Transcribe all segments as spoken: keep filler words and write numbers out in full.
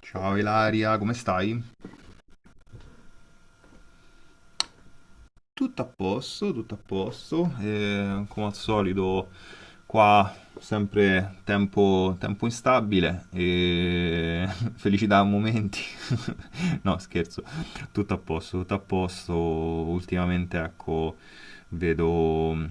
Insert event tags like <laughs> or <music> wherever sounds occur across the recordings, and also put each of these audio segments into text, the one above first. Ciao Ilaria, come stai? Tutto a posto, tutto a posto, eh, come al solito qua sempre tempo, tempo instabile e <laughs> felicità a momenti. <laughs> No, scherzo, tutto a posto, tutto a posto. Ultimamente, ecco, vedo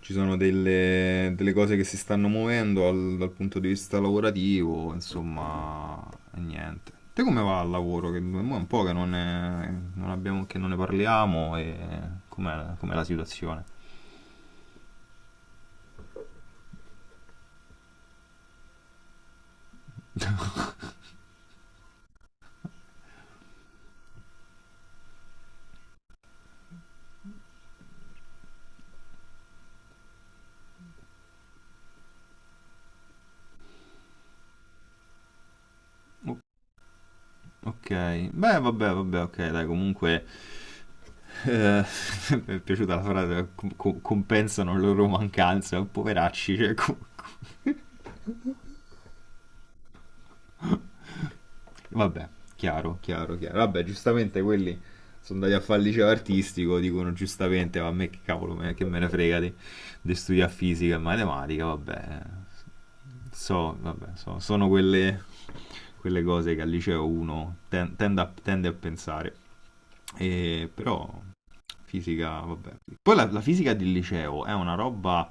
ci sono delle, delle cose che si stanno muovendo al- dal punto di vista lavorativo, insomma, e niente. Te come va al lavoro? Che mo è un po' che non, ne- non abbiamo, che non ne parliamo e com'è com'è la situazione? Ok, beh, vabbè, vabbè, ok, dai, comunque Eh, <laughs> mi è piaciuta la frase, com- com- compensano le loro mancanze, poveracci, cioè, com- com- vabbè, chiaro, chiaro, chiaro. Vabbè, giustamente quelli sono andati a fare il liceo artistico, dicono giustamente, ma a me che cavolo, me, che me ne frega di, di studiare fisica e matematica, vabbè, so, vabbè, so- sono quelle, quelle cose che al liceo uno ten- tende, a, tende a pensare, E però fisica, vabbè. Poi la, la fisica del liceo è una roba,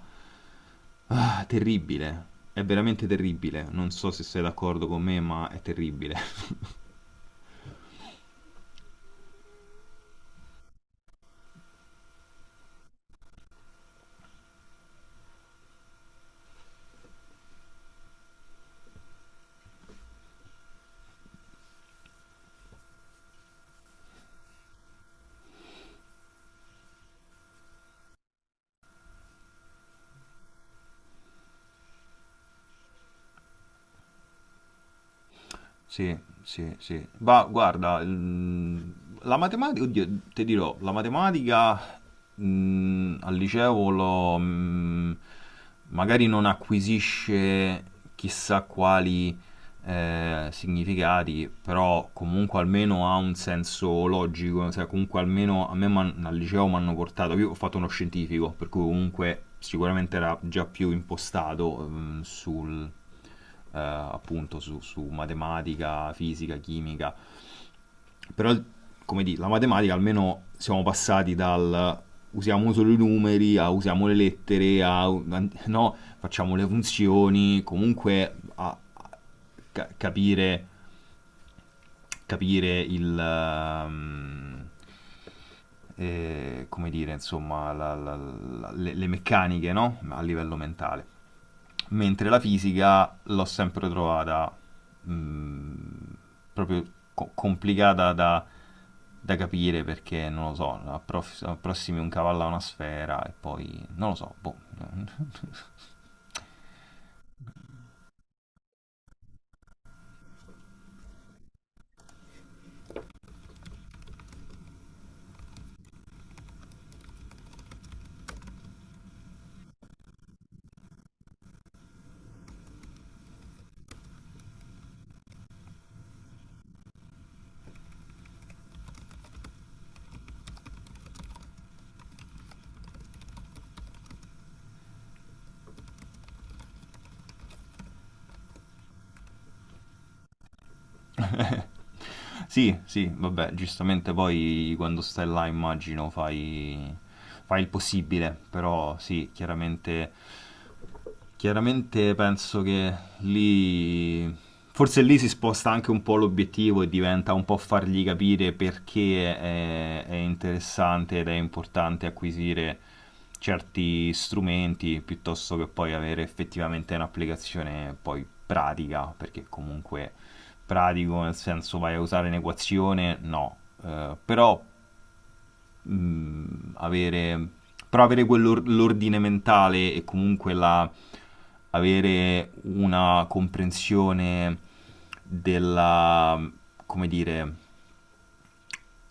ah, terribile. È veramente terribile. Non so se sei d'accordo con me, ma è terribile. <laughs> Sì, sì, sì. Ma guarda, mm, la matematica, oddio, ti dirò, la matematica mm, al liceo lo, mm, magari non acquisisce chissà quali eh, significati, però comunque almeno ha un senso logico, cioè comunque almeno a me m'han- al liceo mi hanno portato, io ho fatto uno scientifico, per cui comunque sicuramente era già più impostato ehm, sul, eh, appunto su, su matematica, fisica, chimica, però, il- come dire, la matematica almeno siamo passati dal usiamo solo i numeri a usiamo le lettere a no, facciamo le funzioni, comunque a a ca- capire capire il... ehm, eh, come dire, insomma, la- la- la- le, le meccaniche, no? A livello mentale. Mentre la fisica l'ho sempre trovata mh, proprio co- complicata da, da capire perché, non lo so, appro- approssimi un cavallo a una sfera e poi, non lo so, boh. <laughs> Sì, sì, vabbè, giustamente poi quando stai là immagino fai, fai il possibile, però sì, chiaramente. Chiaramente penso che lì, forse lì si sposta anche un po' l'obiettivo e diventa un po' fargli capire perché è, è interessante ed è importante acquisire certi strumenti piuttosto che poi avere effettivamente un'applicazione poi pratica, perché comunque pratico nel senso vai a usare un'equazione, no, eh, però mh, avere, però avere quell'ordine mentale e comunque la, avere una comprensione della, come dire,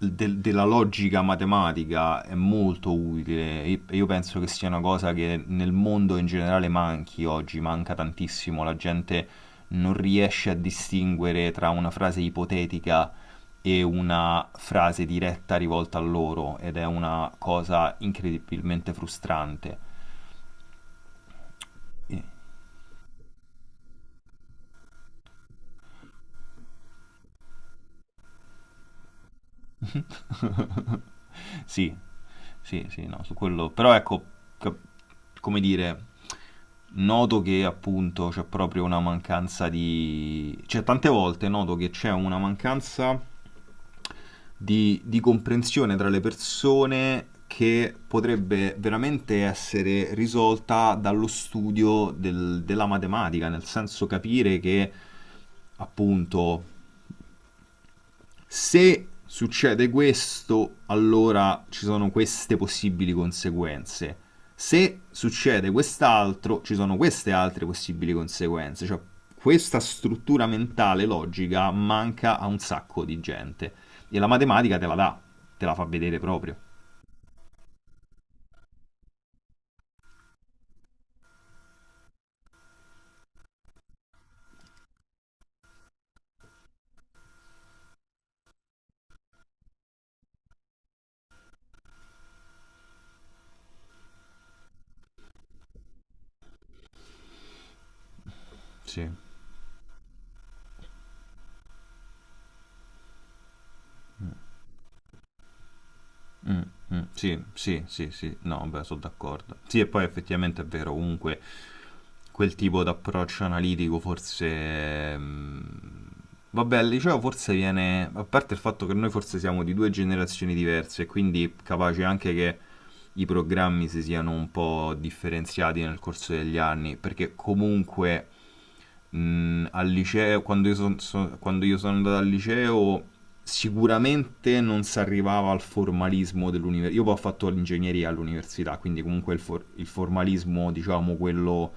del- della logica matematica è molto utile. Io io penso che sia una cosa che nel mondo in generale manchi oggi, manca tantissimo. La gente non riesce a distinguere tra una frase ipotetica e una frase diretta rivolta a loro ed è una cosa incredibilmente frustrante. E- <laughs> Sì, sì, sì, no, su quello. Però ecco, cap- come dire, noto che appunto c'è proprio una mancanza di... Cioè, tante volte noto che c'è una mancanza di, di comprensione tra le persone che potrebbe veramente essere risolta dallo studio del- della matematica, nel senso capire che appunto se succede questo, allora ci sono queste possibili conseguenze. Se succede quest'altro, ci sono queste altre possibili conseguenze. Cioè, questa struttura mentale logica manca a un sacco di gente. E la matematica te la dà, te la fa vedere proprio. Sì, mm, mm, sì, sì, sì, sì, no, beh, sono d'accordo. Sì, e poi effettivamente è vero, comunque quel tipo di approccio analitico forse... mm, vabbè, al liceo forse viene... A parte il fatto che noi forse siamo di due generazioni diverse, quindi capace anche che i programmi si siano un po' differenziati nel corso degli anni, perché comunque Mm, al liceo, quando io, son- so- quando io sono andato al liceo, sicuramente non si arrivava al formalismo dell'università. Io poi ho fatto l'ingegneria all'università, quindi comunque il, for- il formalismo, diciamo, quello...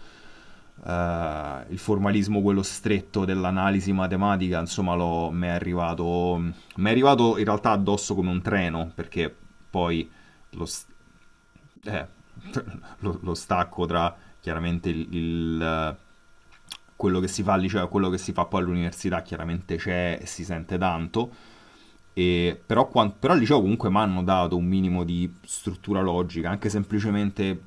eh, il formalismo, quello stretto dell'analisi matematica, insomma, l'ho- mi è arrivato, mi è arrivato in realtà addosso come un treno, perché poi lo s- eh, lo, lo stacco tra chiaramente il, il, quello che si fa al liceo e quello che si fa poi all'università chiaramente c'è e si sente tanto. E però, quan- però al liceo comunque mi hanno dato un minimo di struttura logica, anche semplicemente,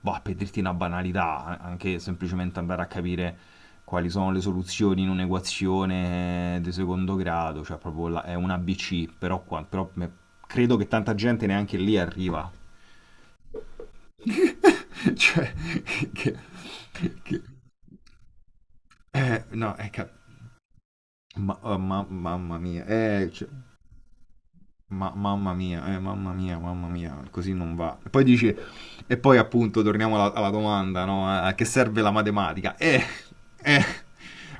boh, per dirti una banalità, anche semplicemente andare a capire quali sono le soluzioni in un'equazione di secondo grado, cioè proprio la- è un A B C, però, qua- però me- credo che tanta gente neanche lì arriva, <laughs> cioè, che, che- eh, no, è cap- ma- oh, ma- mamma mia, eh, cioè, ma- mamma mia, eh, mamma mia, mamma mia, così non va. E poi dici, e poi appunto torniamo alla, alla domanda, no? A che serve la matematica? Eh, eh,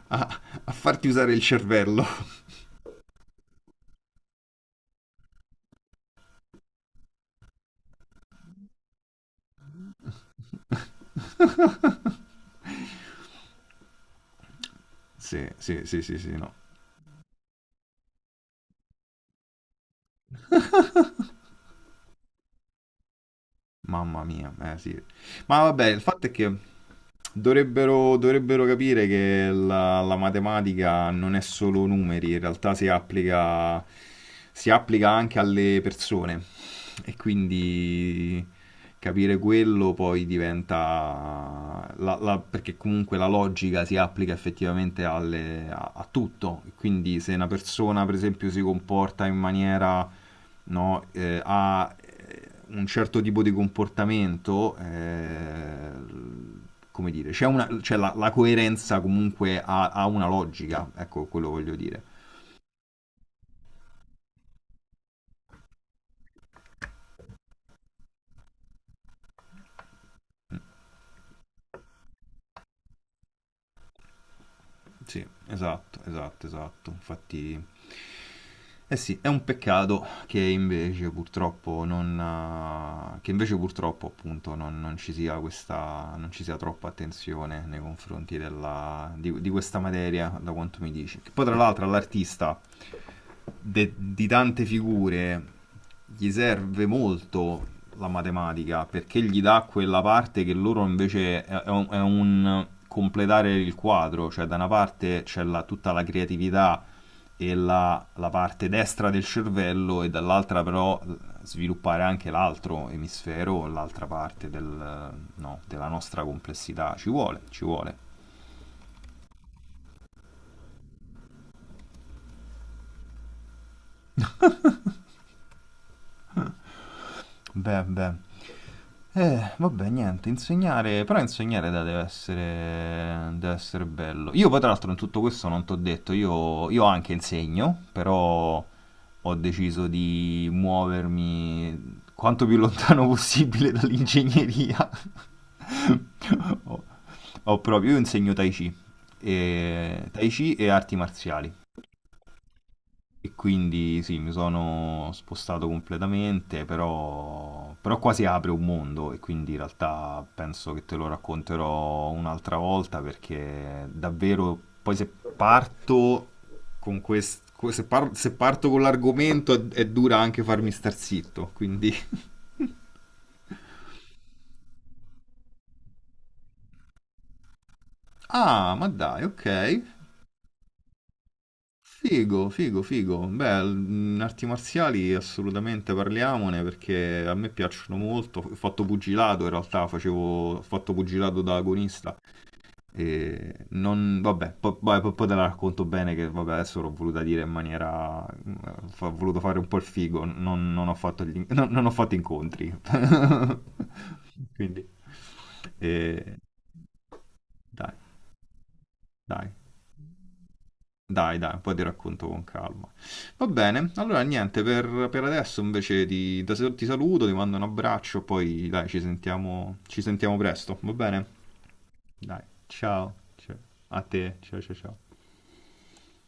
a, a farti usare il cervello. <laughs> Sì, sì, sì, sì, sì, no. <laughs> Mamma mia, eh sì. Ma vabbè, il fatto è che Dovrebbero, dovrebbero capire che la, la matematica non è solo numeri, in realtà si applica, si applica anche alle persone e quindi capire quello poi diventa... la- la- perché comunque la logica si applica effettivamente alle- a, a tutto, quindi se una persona per esempio si comporta in maniera, no? Eh, ha eh, un certo tipo di comportamento, eh, come dire, c'è, una, c'è la, la, coerenza comunque ha, ha una logica, ecco quello voglio dire. Sì, esatto, esatto, esatto. Infatti, eh sì, è un peccato che invece purtroppo non, eh, che invece purtroppo appunto non, non ci sia questa, non ci sia troppa attenzione nei confronti della, di, di questa materia, da quanto mi dici. Che poi tra l'altro all'artista de- di tante figure gli serve molto la matematica perché gli dà quella parte che loro invece è è un, è un completare il quadro, cioè da una parte c'è la- tutta la creatività e la, la parte destra del cervello e dall'altra però sviluppare anche l'altro emisfero, l'altra parte del- no, della nostra complessità. Ci vuole, ci vuole. Beh, beh. Eh, vabbè, niente, insegnare, però insegnare dai, deve essere, deve essere bello. Io poi tra l'altro in tutto questo non t'ho detto, io, io anche insegno, però ho deciso di muovermi quanto più lontano possibile dall'ingegneria. <laughs> Ho, ho proprio, io insegno Tai Chi, e, Tai Chi e arti marziali. E quindi sì, mi sono spostato completamente, però, però qua si apre un mondo e quindi in realtà penso che te lo racconterò un'altra volta perché davvero poi se parto con questo, se, par- se parto con l'argomento è, è dura anche farmi star zitto, quindi... <laughs> Ah, ma dai, ok. Figo, figo, figo. Beh, mm, arti marziali assolutamente parliamone perché a me piacciono molto. Ho fatto pugilato in realtà, facevo, ho fatto pugilato da agonista e non, vabbè, po- poi, poi- poi te la racconto bene che vabbè, adesso l'ho voluta dire in maniera, f- ho voluto fare un po' il figo, non, non ho fatto gli in- <laughs> non non ho fatto incontri. <laughs> Quindi, eh, dai, dai. Dai, dai, poi ti racconto con calma. Va bene, allora niente, per, per adesso invece ti, da- ti saluto, ti mando un abbraccio, poi dai, ci sentiamo, ci sentiamo presto, va bene? Dai, ciao, ciao. A te, ciao, ciao, ciao.